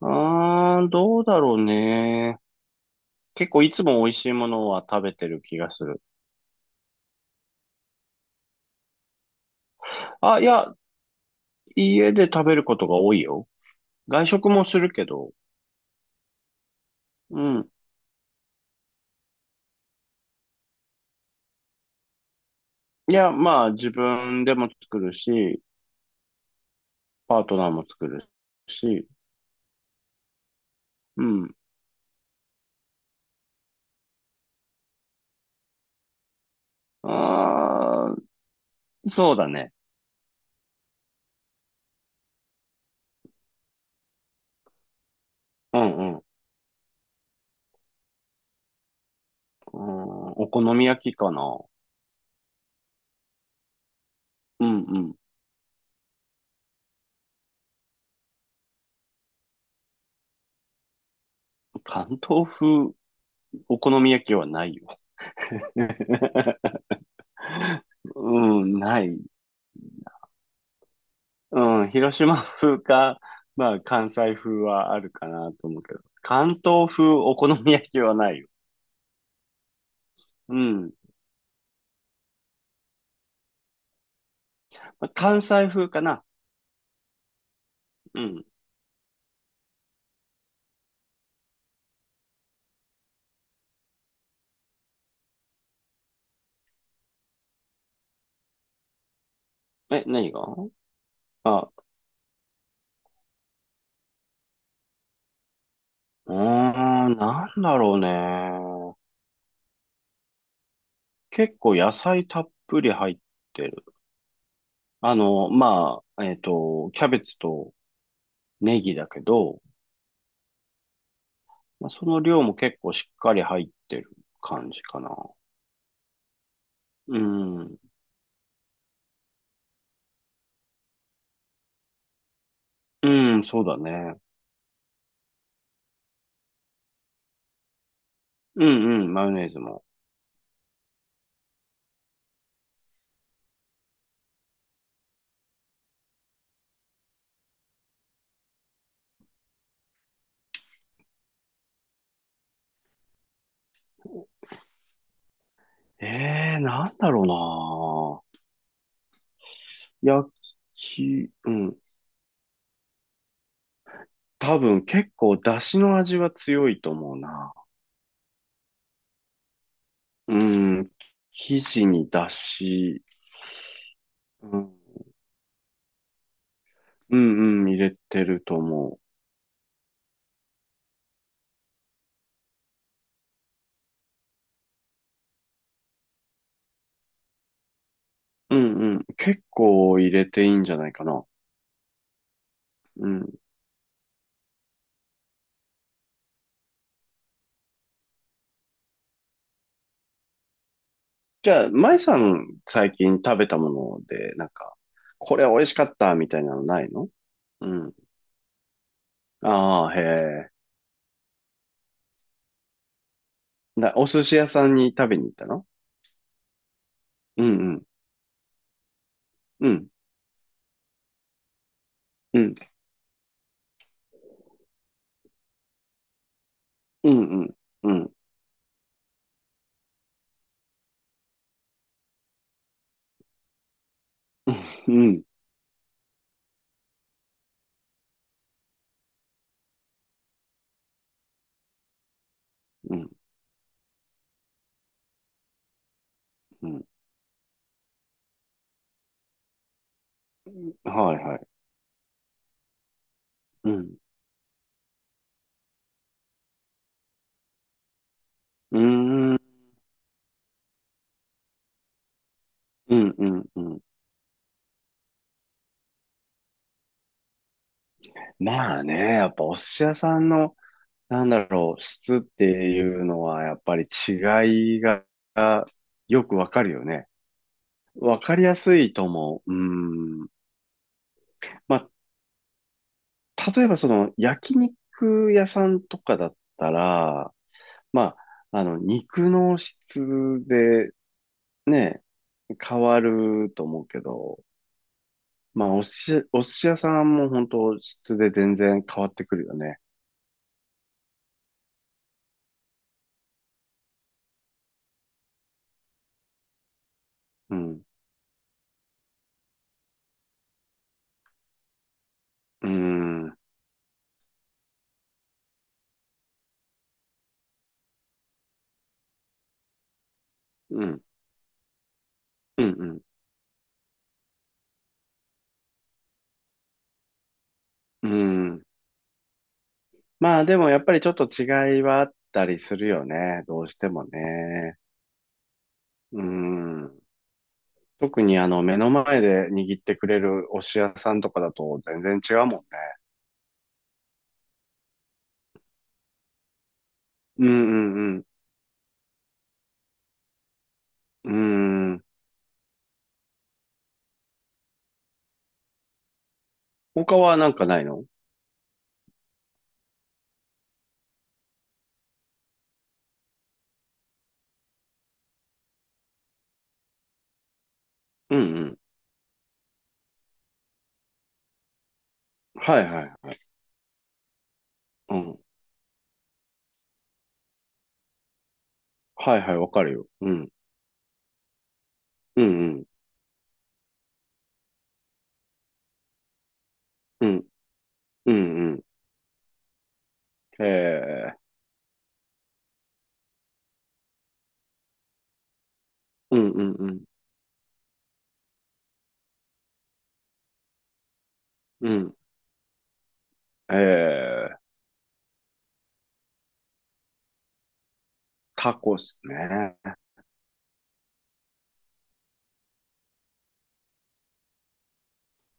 うーん、どうだろうね。結構いつも美味しいものは食べてる気がする。あ、いや、家で食べることが多いよ。外食もするけど。うん。いや、まあ自分でも作るし、パートナーも作るし。うん。あー、そうだね。うんうん。うん、お好み焼きかな。うんうん。関東風お好み焼きはないよ。うん、ない。うん、広島風か、まあ関西風はあるかなと思うけど、関東風お好み焼きはないよ。うん。まあ関西風かな。うん。え、何があ、うーなんだろうね。結構野菜たっぷり入ってる。キャベツとネギだけど、まあ、その量も結構しっかり入ってる感じかな。うん。うん、そうだね。うんうん、マヨネーズも。ええ、なんだろうな。焼き、うん。多分結構出汁の味は強いと思うな。うん。生地に出汁、うん、うんうん、入れてると思う。うんうん。結構入れていいんじゃないかな。うん。じゃあ、舞さん最近食べたもので、なんか、これ美味しかったみたいなのないの？うん。ああ、へえ。な、お寿司屋さんに食べに行ったの？うんうん。うん。うん。うんうん。うん。うん、うん、うん。はいはい。うん。うーん。うん、うん、うん。まあね、やっぱお寿司屋さんの、なんだろう、質っていうのは、やっぱり違いがよくわかるよね。わかりやすいと思う。うん。まあ、例えばその焼肉屋さんとかだったら、ま肉の質でね、変わると思うけど、まあ、お寿司、お寿司屋さんも本当質で全然変わってくるよね。うん。うん。うん。うん。うん。うんまあ、でもやっぱりちょっと違いはあったりするよね。どうしてもね。うん。特にあの、目の前で握ってくれるお寿司屋さんとかだと全然違うもんね。うんうんうん。うん。他はなんかないの？うんうん。はいはい。うん。はいはい、わかるよ。うん。うんうん。うん。うんうん。へえ。うんうんうんうん。ええ、タコっすね。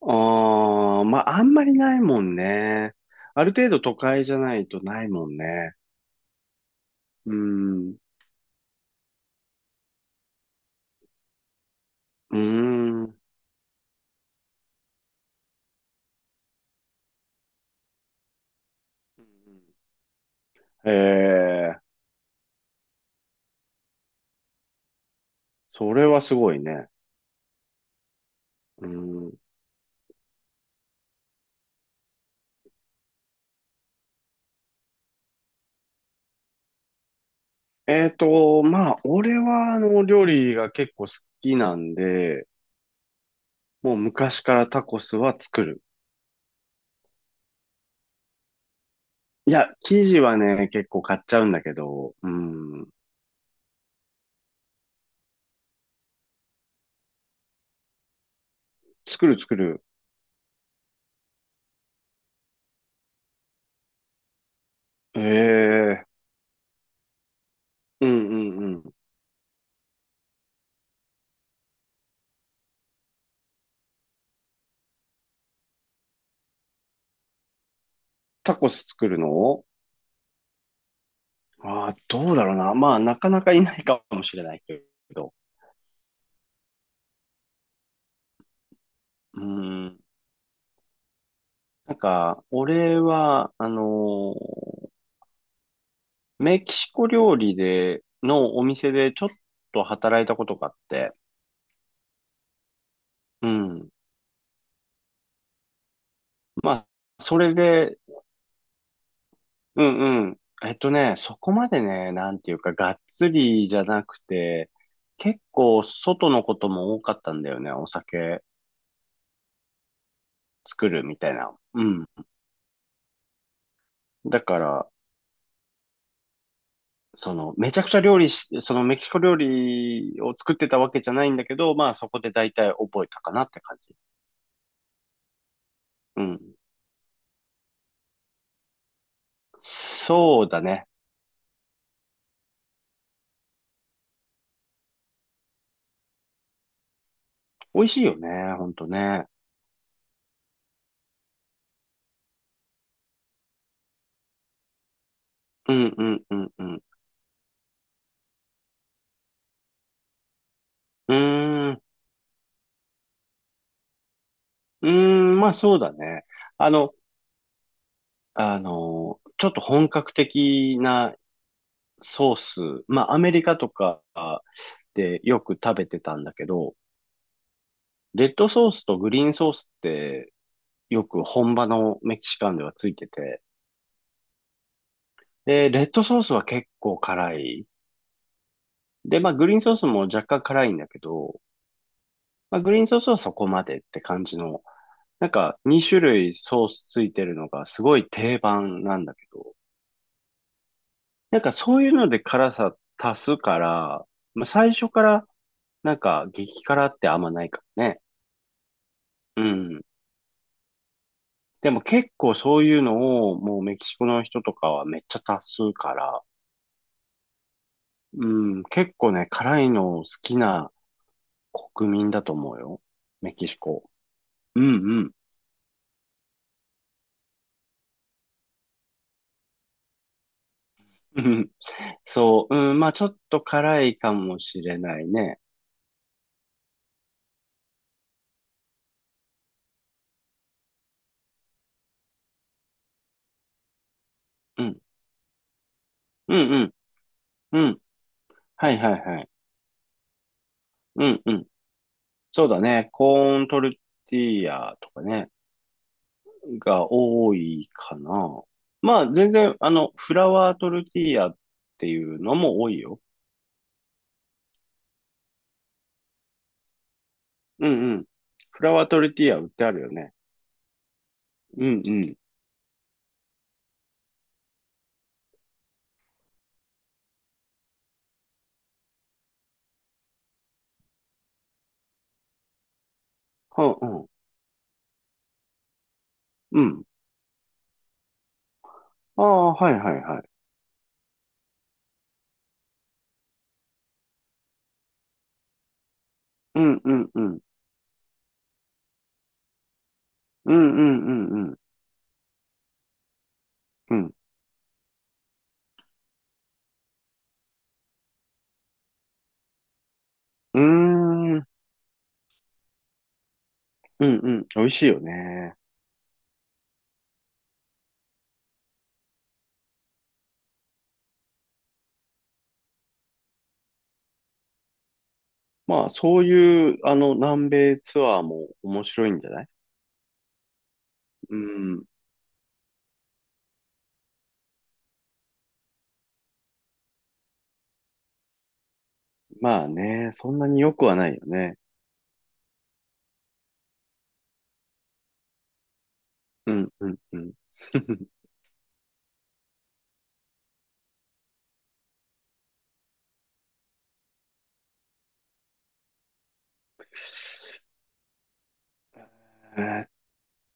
ああ、まあ、あんまりないもんね。ある程度都会じゃないとないもんね。うん。うん。ええ、それはすごいね。うん。俺は、あの、料理が結構好きなんで、もう昔からタコスは作る。いや、生地はね、結構買っちゃうんだけど、うん。作る作る。ええうんうんうん。タコス作るの？ああー、どうだろうな。まあ、なかなかいないかもしれないけど。うん。なんか、俺は、メキシコ料理で、のお店でちょっと働いたことがあって。うん。まあ、それで、うんうん。えっとね、そこまでね、なんていうか、がっつりじゃなくて、結構外のことも多かったんだよね。お酒作るみたいな。うん。だから、その、めちゃくちゃ料理し、そのメキシコ料理を作ってたわけじゃないんだけど、まあそこで大体覚えたかなって感じ。うん。そうだね。美味しいよね、ほんとね。うんうんうんうん。うーん、うーまあそうだね。あの、あの、ちょっと本格的なソース、まあアメリカとかでよく食べてたんだけど、レッドソースとグリーンソースってよく本場のメキシカンではついてて、で、レッドソースは結構辛い。で、まあ、グリーンソースも若干辛いんだけど、まあ、グリーンソースはそこまでって感じの、なんか2種類ソースついてるのがすごい定番なんだけど、なんかそういうので辛さ足すから、まあ、最初からなんか激辛ってあんまないからね。うん。でも結構そういうのをもうメキシコの人とかはめっちゃ足すから、うん、結構ね、辛いの好きな国民だと思うよ。メキシコ。うんうん。うんうん。 そう、うん、まあちょっと辛いかもしれないね。うん、うん、うん、うん。はいはいはい。うん、うん。そうだね。コーントルティーヤとかね、が多いかな。まあ全然、あの、フラワートルティーヤっていうのも多いよ。うんうん。フラワートルティーヤ売ってあるよね。うんうん。はあうん。うん。ああ、はいはいはい。うんうんうん。うんうんうんうん。うん。うーん。うんうん。美味しいよね。まあ、そういう、あの、南米ツアーも面白いんじゃない？うん。まあね、そんなに良くはないよね。うんうんうん。えーっ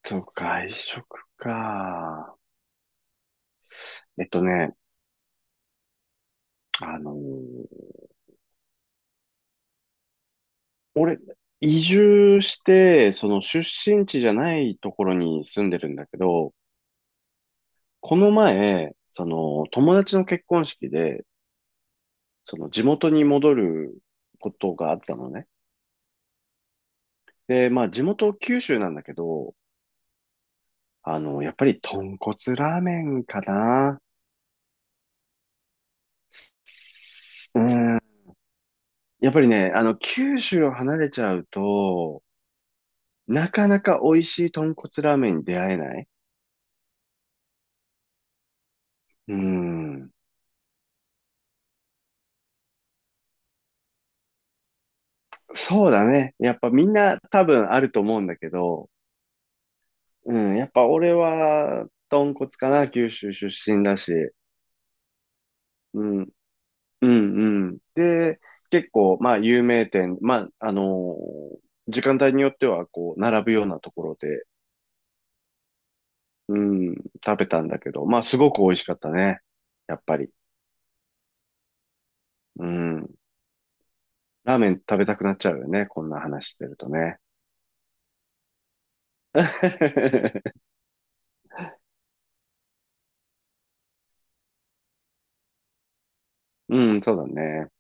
と、外食か。えっとね、あのー俺、移住して、その出身地じゃないところに住んでるんだけど、この前、その友達の結婚式で、その地元に戻ることがあったのね。で、まあ、地元九州なんだけど、あの、やっぱり豚骨ラーメンかな。うん。やっぱりね、あの、九州を離れちゃうと、なかなか美味しい豚骨ラーメンに出会えない。うん。そうだね。やっぱみんな多分あると思うんだけど、うん。やっぱ俺は豚骨かな。九州出身だし。うん。うんうん。で、結構、まあ、有名店、ー時間帯によっては、こう、並ぶようなところで、うん、食べたんだけど、まあ、すごく美味しかったね。やっぱり。うん。ラーメン食べたくなっちゃうよね。こんな話してるとね。うん、そうだね。